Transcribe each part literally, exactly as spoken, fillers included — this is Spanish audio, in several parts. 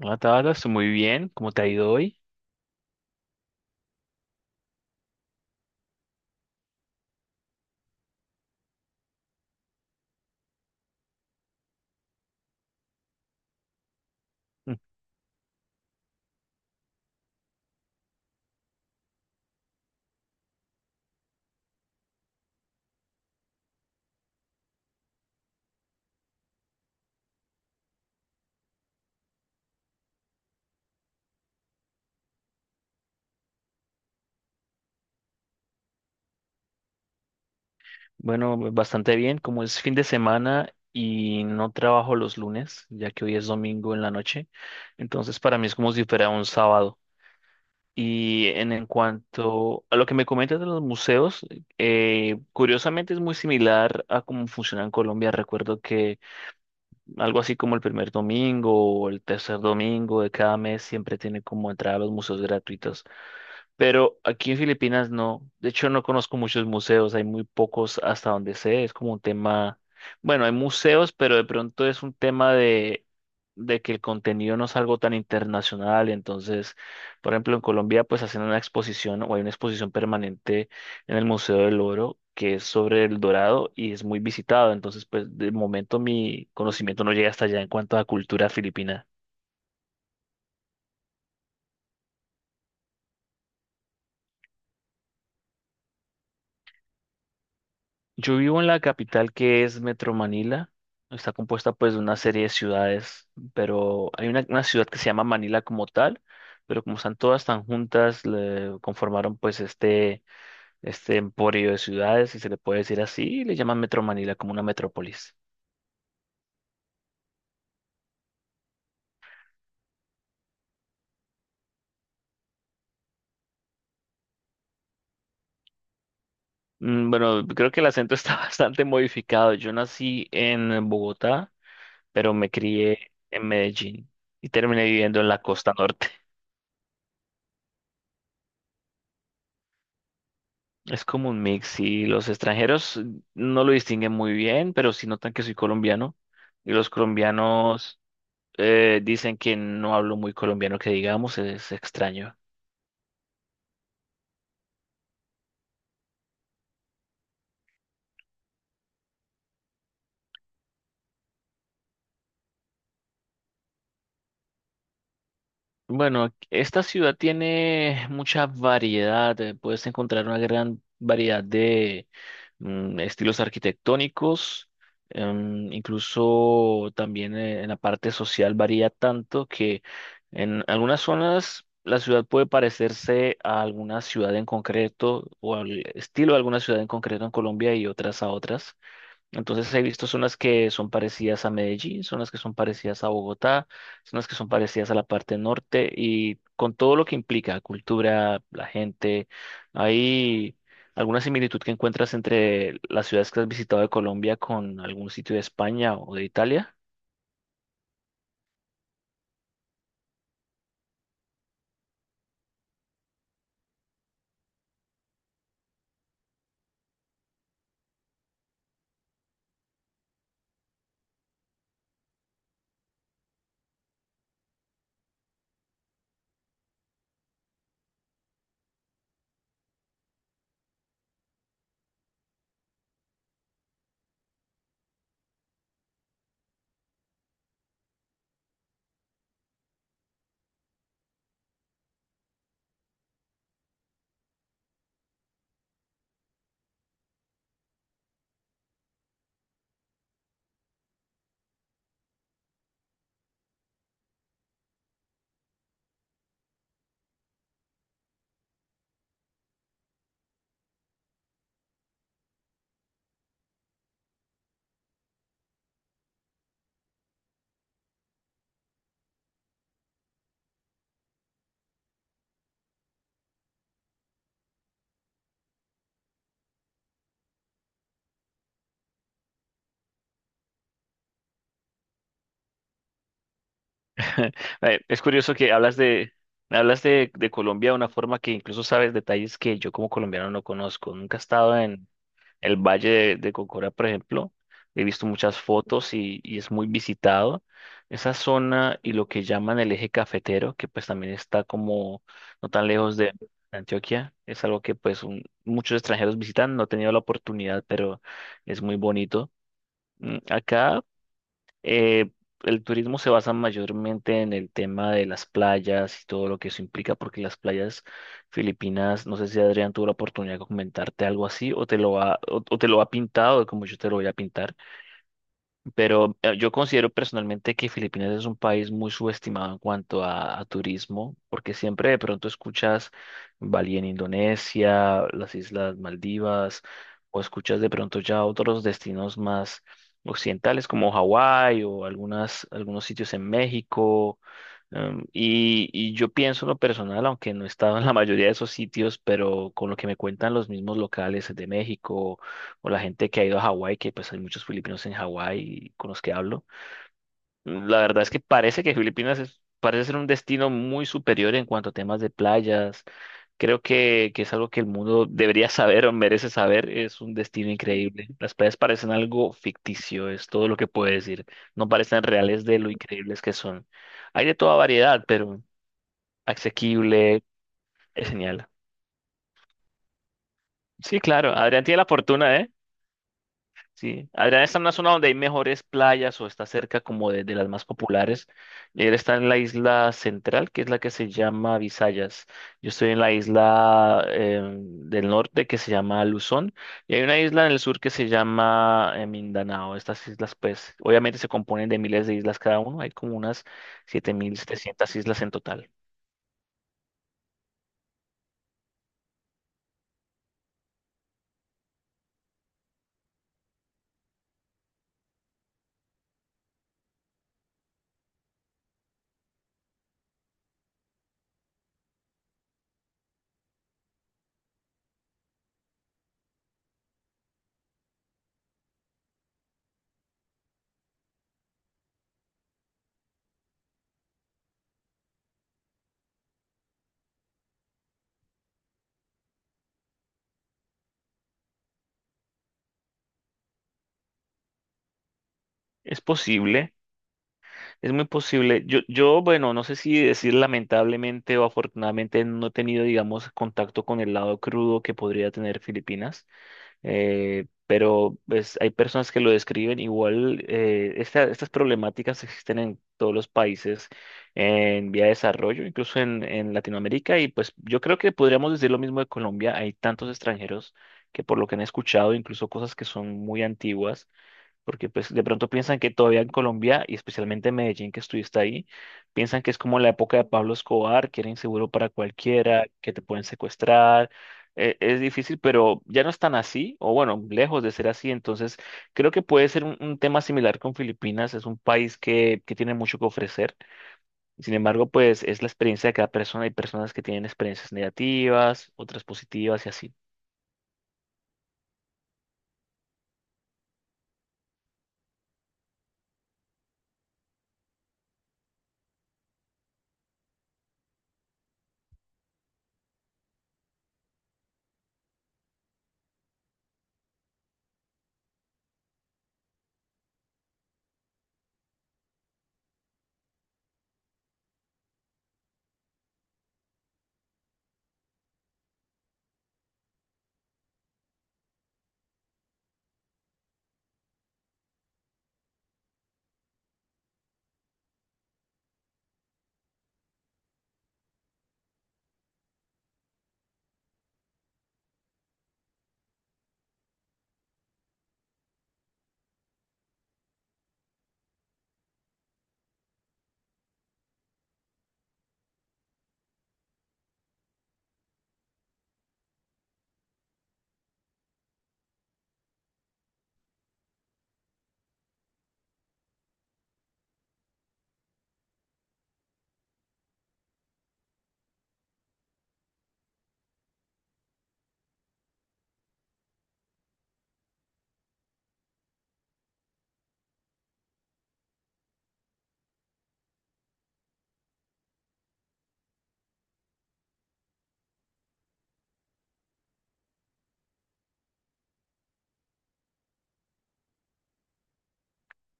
Hola Tabata, estoy muy bien. ¿Cómo te ha ido hoy? Mm, Bueno, bastante bien. Como es fin de semana y no trabajo los lunes, ya que hoy es domingo en la noche, entonces para mí es como si fuera un sábado. Y en, en cuanto a lo que me comentas de los museos, eh, curiosamente es muy similar a cómo funciona en Colombia. Recuerdo que algo así como el primer domingo o el tercer domingo de cada mes siempre tiene como entrada a los museos gratuitos. Pero aquí en Filipinas no. De hecho, no conozco muchos museos, hay muy pocos hasta donde sé. Es como un tema, bueno, hay museos, pero de pronto es un tema de, de que el contenido no es algo tan internacional. Entonces, por ejemplo, en Colombia, pues hacen una exposición o hay una exposición permanente en el Museo del Oro que es sobre el Dorado y es muy visitado. Entonces, pues de momento mi conocimiento no llega hasta allá en cuanto a cultura filipina. Yo vivo en la capital que es Metro Manila. Está compuesta pues de una serie de ciudades, pero hay una, una ciudad que se llama Manila como tal, pero como están todas tan juntas, le conformaron pues este, este emporio de ciudades, si se le puede decir así, y le llaman Metro Manila como una metrópolis. Mm, Bueno, creo que el acento está bastante modificado. Yo nací en Bogotá, pero me crié en Medellín y terminé viviendo en la costa norte. Es como un mix y los extranjeros no lo distinguen muy bien, pero sí notan que soy colombiano y los colombianos eh, dicen que no hablo muy colombiano, que digamos es extraño. Bueno, esta ciudad tiene mucha variedad, eh, puedes encontrar una gran variedad de mm, estilos arquitectónicos, em, incluso también eh, en la parte social varía tanto que en algunas zonas la ciudad puede parecerse a alguna ciudad en concreto o al estilo de alguna ciudad en concreto en Colombia y otras a otras. Entonces he visto zonas que son parecidas a Medellín, zonas que son parecidas a Bogotá, zonas que son parecidas a la parte norte y con todo lo que implica, cultura, la gente, hay alguna similitud que encuentras entre las ciudades que has visitado de Colombia con algún sitio de España o de Italia. Eh, Es curioso que hablas de, hablas de, de Colombia de una forma que incluso sabes detalles que yo como colombiano no conozco. Nunca he estado en el Valle de, de Cocora, por ejemplo, he visto muchas fotos y, y es muy visitado. Esa zona y lo que llaman el eje cafetero, que pues también está como no tan lejos de Antioquia, es algo que pues un- muchos extranjeros visitan. No he tenido la oportunidad, pero es muy bonito. Mm, Acá eh, el turismo se basa mayormente en el tema de las playas y todo lo que eso implica, porque las playas filipinas, no sé si Adrián tuvo la oportunidad de comentarte algo así o te lo ha, o, o te lo ha pintado como yo te lo voy a pintar. Pero eh, yo considero personalmente que Filipinas es un país muy subestimado en cuanto a, a turismo, porque siempre de pronto escuchas Bali en Indonesia, las Islas Maldivas, o escuchas de pronto ya otros destinos más occidentales como Hawái o algunas, algunos sitios en México. Em, y, y yo pienso en lo personal, aunque no he estado en la mayoría de esos sitios, pero con lo que me cuentan los mismos locales de México o la gente que ha ido a Hawái, que pues hay muchos filipinos en Hawái con los que hablo, mm, la verdad es que parece que Filipinas es- parece ser un destino muy superior en cuanto a temas de playas. Creo que, que es algo que el mundo debería saber o merece saber. Es un destino increíble. Las playas parecen algo ficticio, es todo lo que puedo decir. No parecen reales de lo increíbles que son. Hay de toda variedad, pero asequible, es genial. Sí, claro, Adrián tiene la fortuna, ¿eh? Sí, Adrián está en una zona donde hay mejores playas o está cerca como de, de las más populares. Él está en la isla central, que es la que se llama Visayas. Yo estoy en la isla eh, del norte que se llama Luzón y hay una isla en el sur que se llama eh, Mindanao. Estas islas, pues, obviamente se componen de miles de islas cada uno. Hay como unas siete mil setecientas islas en total. Es posible. Es muy posible. Yo, yo, bueno, no sé si decir lamentablemente o afortunadamente no he tenido, digamos, contacto con el lado crudo que podría tener Filipinas, eh, pero pues, hay personas que lo describen igual. eh, esta- estas problemáticas existen en todos los países en vía de desarrollo, incluso en, en Latinoamérica, y pues yo creo que podríamos decir lo mismo de Colombia. Hay tantos extranjeros que por lo que han escuchado, incluso cosas que son muy antiguas porque pues de pronto piensan que todavía en Colombia y especialmente en Medellín que estuviste ahí, piensan que es como la época de Pablo Escobar, que era inseguro para cualquiera, que te pueden secuestrar. Eh, es difícil, pero ya no es tan así, o bueno, lejos de ser así. Entonces, creo que puede ser un, un tema similar con Filipinas. Es un país que, que tiene mucho que ofrecer. Sin embargo, pues es la experiencia de cada persona. Hay personas que tienen experiencias negativas, otras positivas y así.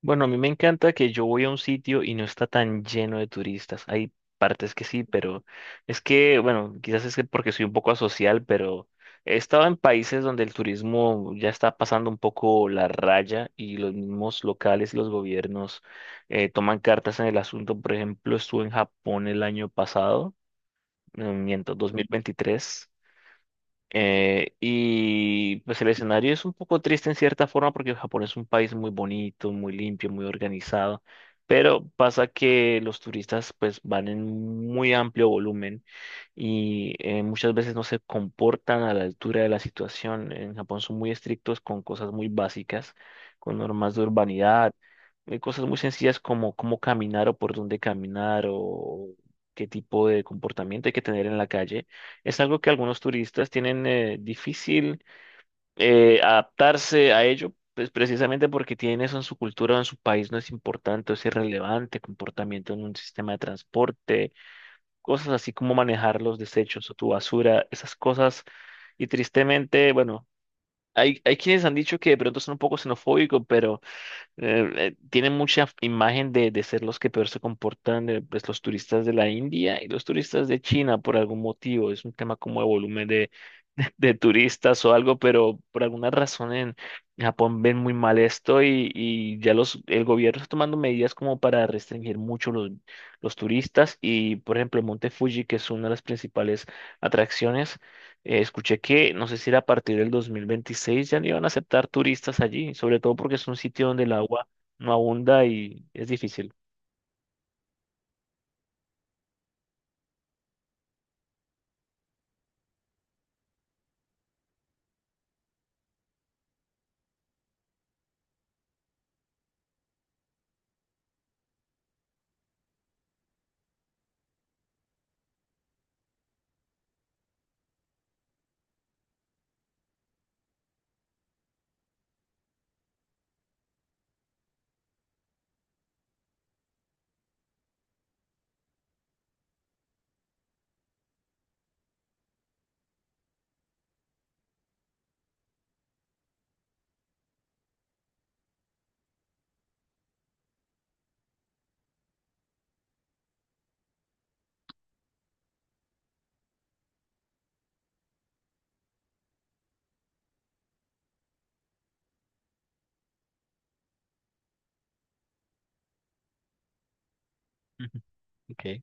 Bueno, a mí me encanta que yo voy a un sitio y no está tan lleno de turistas. Hay partes que sí, pero es que, bueno, quizás es que porque soy un poco asocial, pero he estado en países donde el turismo ya está pasando un poco la raya y los mismos locales y los gobiernos eh, toman cartas en el asunto. Por ejemplo, estuve en Japón el año pasado, eh, miento, Ujú. dos mil veintitrés. Eh, y pues el escenario es un poco triste en cierta forma porque Japón es un país muy bonito, muy limpio, muy organizado, pero pasa que los turistas pues van en muy amplio volumen y eh, muchas veces no se comportan a la altura de la situación. En Japón son muy estrictos con cosas muy básicas, con normas de urbanidad, eh, cosas muy sencillas como cómo caminar o por dónde caminar o qué tipo de comportamiento hay que tener en la calle. Es algo que algunos turistas tienen eh, difícil eh, adaptarse a ello. Pues precisamente porque tienen eso en su cultura o en su país no es importante o si es irrelevante, comportamiento en un sistema de transporte, cosas así como manejar los desechos o tu basura, esas cosas. Y tristemente, bueno, hay, hay quienes han dicho que de pronto son un poco xenofóbicos, pero eh, eh, tienen mucha imagen de, de ser los que peor se comportan, eh, pues los turistas de la India y los turistas de China por algún motivo. Es un tema como de volumen de turistas o algo, pero por alguna razón en Japón ven muy mal esto y, y ya los, el gobierno está tomando medidas como para restringir mucho los, los turistas y, por ejemplo, el Monte Fuji, que es una de las principales atracciones, eh, escuché que no sé si era a partir del dos mil veintiséis ya no iban a aceptar turistas allí, sobre todo porque es un sitio donde el agua no abunda y es difícil. Ujú. Ok.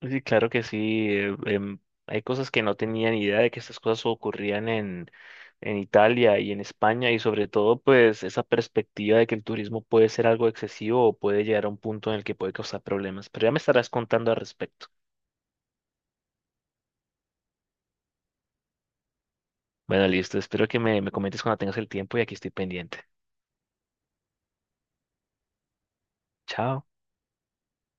Sí, claro que sí. eh, em, hay cosas que no tenía ni idea de que estas cosas ocurrían en, en Italia y en España y sobre todo pues esa perspectiva de que el turismo puede ser algo excesivo o puede llegar a un punto en el que puede causar problemas. Pero ya me estarás contando al respecto. Bueno, listo. Espero que me, me comentes cuando tengas el tiempo y aquí estoy pendiente. Chao.